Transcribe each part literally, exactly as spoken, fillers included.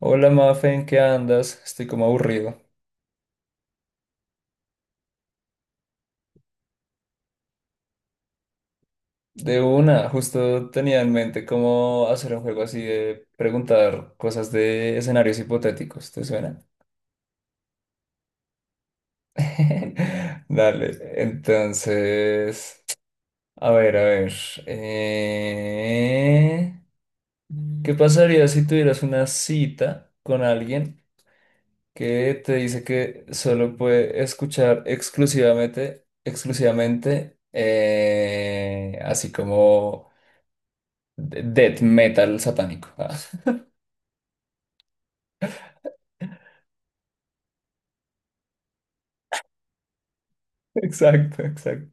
Hola Mafe, ¿en qué andas? Estoy como aburrido. De una, justo tenía en mente cómo hacer un juego así de preguntar cosas de escenarios hipotéticos, ¿te suena? Dale, entonces, a ver, a ver. eh, ¿Qué pasaría si tuvieras una cita con alguien que te dice que solo puede escuchar exclusivamente, exclusivamente, eh, así como de- death metal satánico. Ah, Exacto, exacto.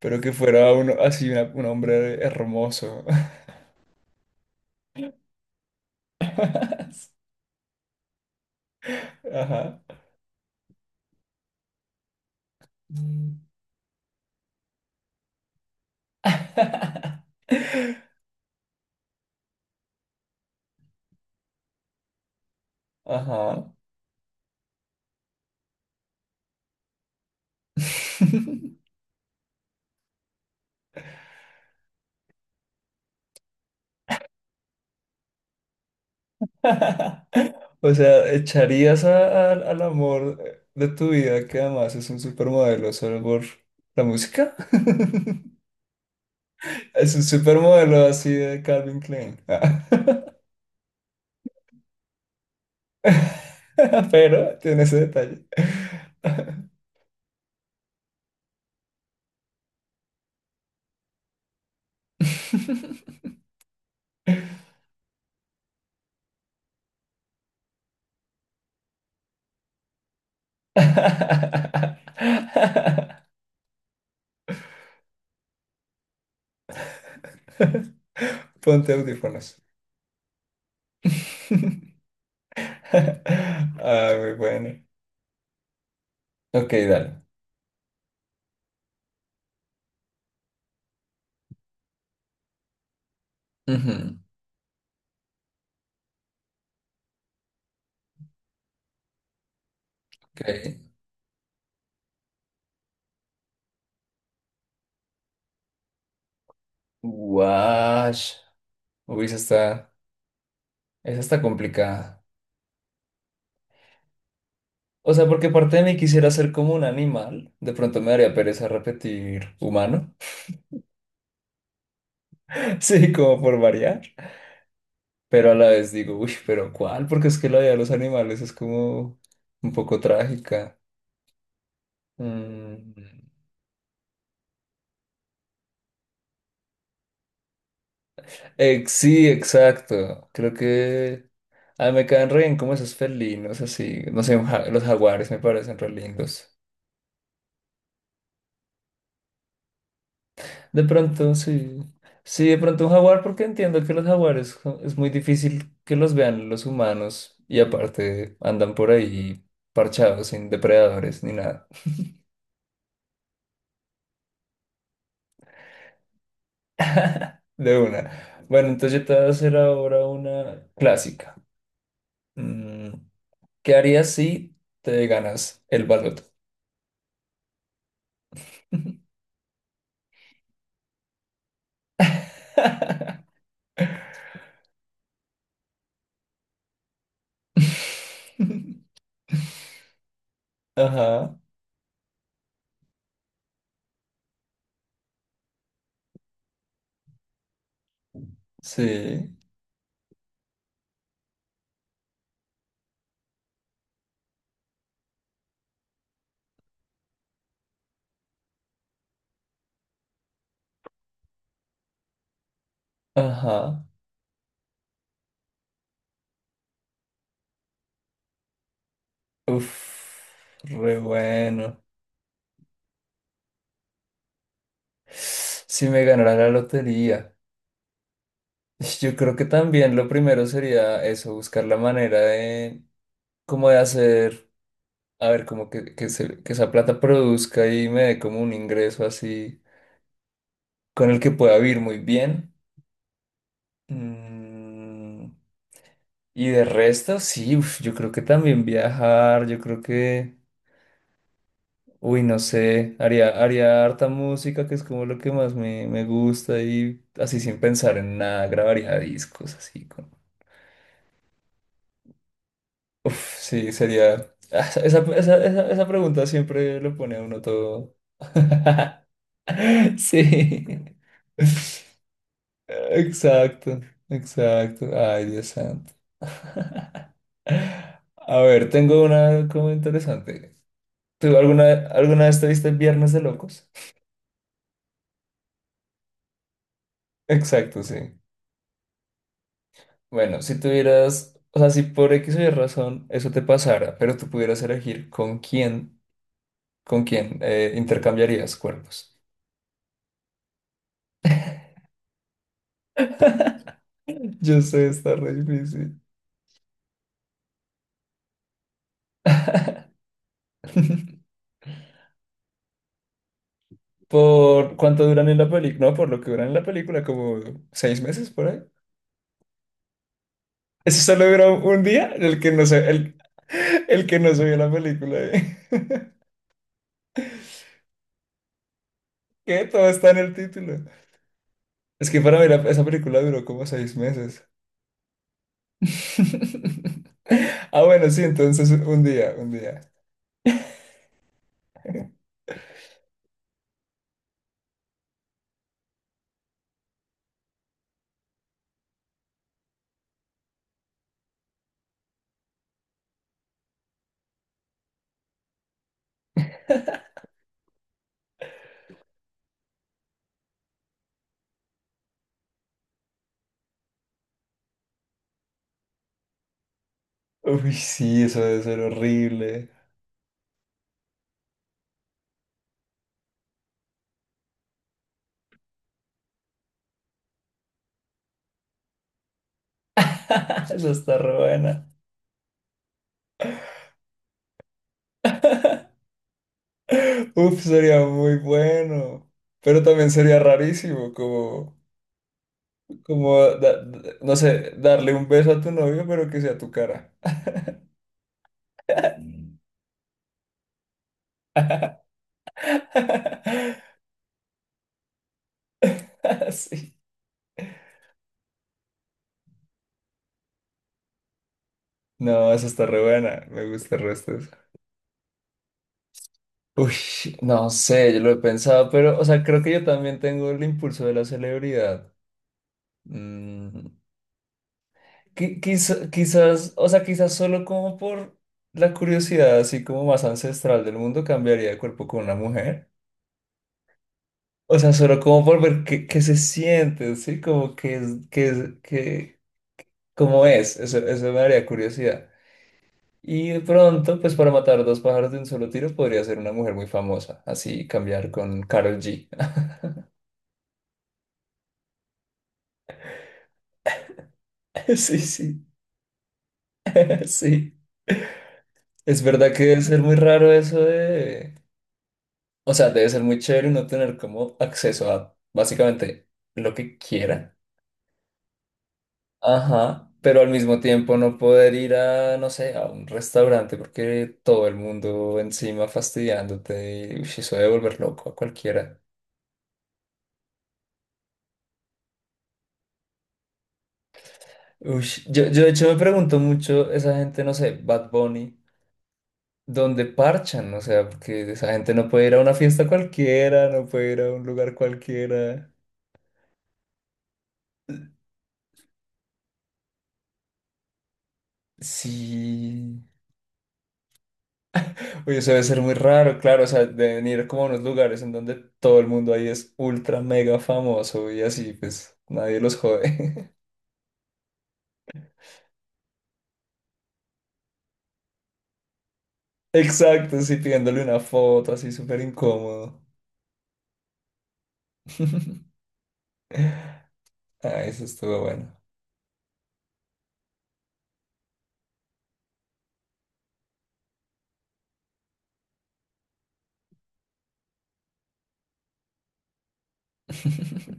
Pero que fuera uno así, una- un hombre hermoso. Ajá. Mm. Ajá. O sea, echarías a- a- al amor de tu vida, que además es un supermodelo, solo por la música. Es un supermodelo así de Calvin Klein. Ah. Pero tiene ese detalle. Ponte audífonos. Ah, muy bueno. Ok, dale. Ujú, ok. Wash. Uy, esa está, esa está complicada. O sea, porque parte de mí quisiera ser como un animal. De pronto me daría pereza repetir humano. Sí, como por variar. Pero a la vez digo, uy, pero ¿cuál? Porque es que la vida de los animales es como un poco trágica. Mm, ex- sí, exacto. Creo que ah, me caen re bien como esos felinos, así. No sé, un ja- los jaguares me parecen re lindos. De pronto, sí. Sí, de pronto un jaguar, porque entiendo que los jaguares jo- es muy difícil que los vean los humanos y aparte andan por ahí parchados, sin depredadores ni nada. De una. Bueno, entonces yo te voy a hacer ahora una clásica. Mm, ¿qué harías si te ganas el baloto? Ajá, sí, ajá. Uf, re bueno. Si me ganara la lotería, yo creo que también lo primero sería eso, buscar la manera de, como de hacer, a ver, como que, que, se- que esa plata produzca y me dé como un ingreso así, con el que pueda vivir muy bien. Mm, y de resto, sí, uf, yo creo que también viajar, yo creo que... Uy, no sé, haría, haría harta música, que es como lo que más me, me gusta, y así sin pensar en nada, grabaría discos, así con... Uf, sí, sería... Ah, Esa, esa, esa, esa- esa pregunta siempre lo pone a uno todo... Sí. Exacto, exacto. Ay, Dios santo. A ver, tengo una como interesante. ¿Tú alguna, alguna vez te viste Viernes de Locos? Exacto, sí. Bueno, si tuvieras, o sea, si por X o Y razón eso te pasara, pero tú pudieras elegir con quién, con quién eh, intercambiarías cuerpos. Yo sé, está re difícil. ¿Por cuánto duran en la película? No, por lo que duran en la película, como seis meses por ahí. Eso solo dura un día, el que no se, el, el que no se vio la película. ¿Eh? Que todo está en el título. Es que para mí la- esa película duró como seis meses. Ah, bueno, sí, entonces un día, un día. Uy, sí, eso debe ser horrible. Eso está re buena. Uf, sería muy bueno. Pero también sería rarísimo, como, como, da- da- no sé, darle un beso a tu novio, pero que sea tu cara. Sí. No, eso está re buena. Me gusta el resto de eso. Uy, no sé, yo lo he pensado, pero, o sea, creo que yo también tengo el impulso de la celebridad. Mm, qui- quiz- quizás, o sea, quizás solo como por la curiosidad, así como más ancestral del mundo, cambiaría de cuerpo con una mujer. O sea, solo como por ver qué, qué se siente, ¿sí? Como que es, que es, que, cómo es. Eso, eso me daría curiosidad. Y de pronto, pues para matar dos pájaros de un solo tiro, podría ser una mujer muy famosa. Así cambiar con Karol G. Sí, sí, sí. Es verdad que debe ser muy raro eso de... O sea, debe ser muy chévere uno tener como acceso a básicamente lo que quiera. Ajá, pero al mismo tiempo no poder ir a, no sé, a un restaurante porque todo el mundo encima fastidiándote y uy, eso debe volver loco a cualquiera. Uy, yo, yo de hecho me pregunto mucho, esa gente, no sé, Bad Bunny, ¿dónde parchan? O sea, porque esa gente no puede ir a una fiesta cualquiera, no puede ir a un lugar cualquiera. Sí. Oye, eso debe ser muy raro, claro, o sea, de venir como a unos lugares en donde todo el mundo ahí es ultra mega famoso y así, pues nadie los jode. Exacto, sí, pidiéndole una foto, así súper incómodo. Ah, eso estuvo bueno.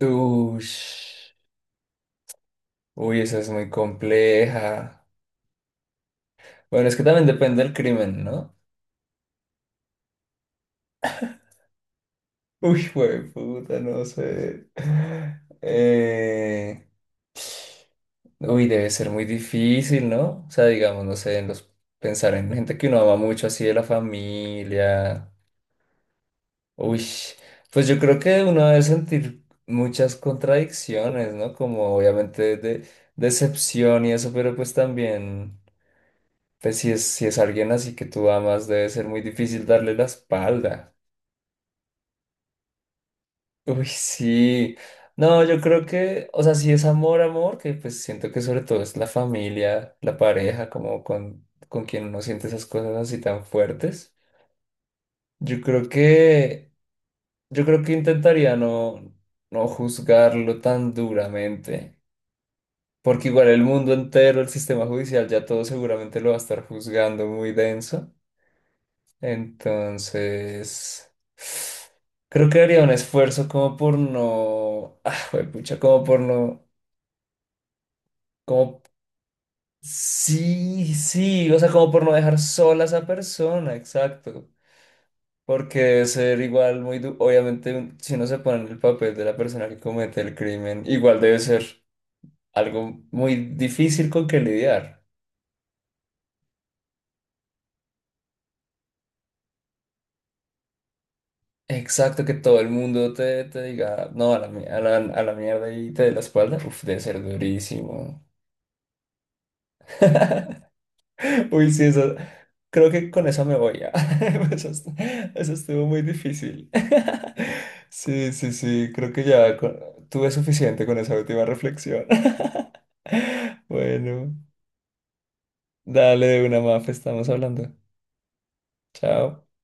Ush. Uy, esa es muy compleja. Bueno, es que también depende del crimen, ¿no? Uy, güey, puta, no sé. Eh, Uy, debe ser muy difícil, ¿no? O sea, digamos, no sé, en los, pensar en gente que uno ama mucho, así de la familia. Uy, pues yo creo que uno debe sentir muchas contradicciones, ¿no? Como obviamente de, decepción y eso, pero pues también, pues si es, si es alguien así que tú amas, debe ser muy difícil darle la espalda. Uy, sí. No, yo creo que, o sea, si es amor, amor, que pues siento que sobre todo es la familia, la pareja, como con, con quien uno siente esas cosas así tan fuertes. Yo creo que, yo creo que intentaría no, no juzgarlo tan duramente, porque igual el mundo entero, el sistema judicial, ya todo seguramente lo va a estar juzgando muy denso. Entonces... Creo que haría un esfuerzo como por no, ah, pucha, como por no. Como, sí, sí, o sea, como por no dejar sola a esa persona, exacto. Porque debe ser igual muy du- obviamente, un- si uno se pone en el papel de la persona que comete el crimen, igual debe ser algo muy difícil con que lidiar. Exacto, que todo el mundo te, te diga, no, a la, mi- a la, a la mierda y te dé la espalda. Uf, debe ser durísimo. Uy, sí, eso. Creo que con eso me voy ya. Eso, est- eso estuvo muy difícil. Sí, sí, sí. Creo que ya con- tuve suficiente con esa última reflexión. Bueno, dale de una mafe, estamos hablando. Chao.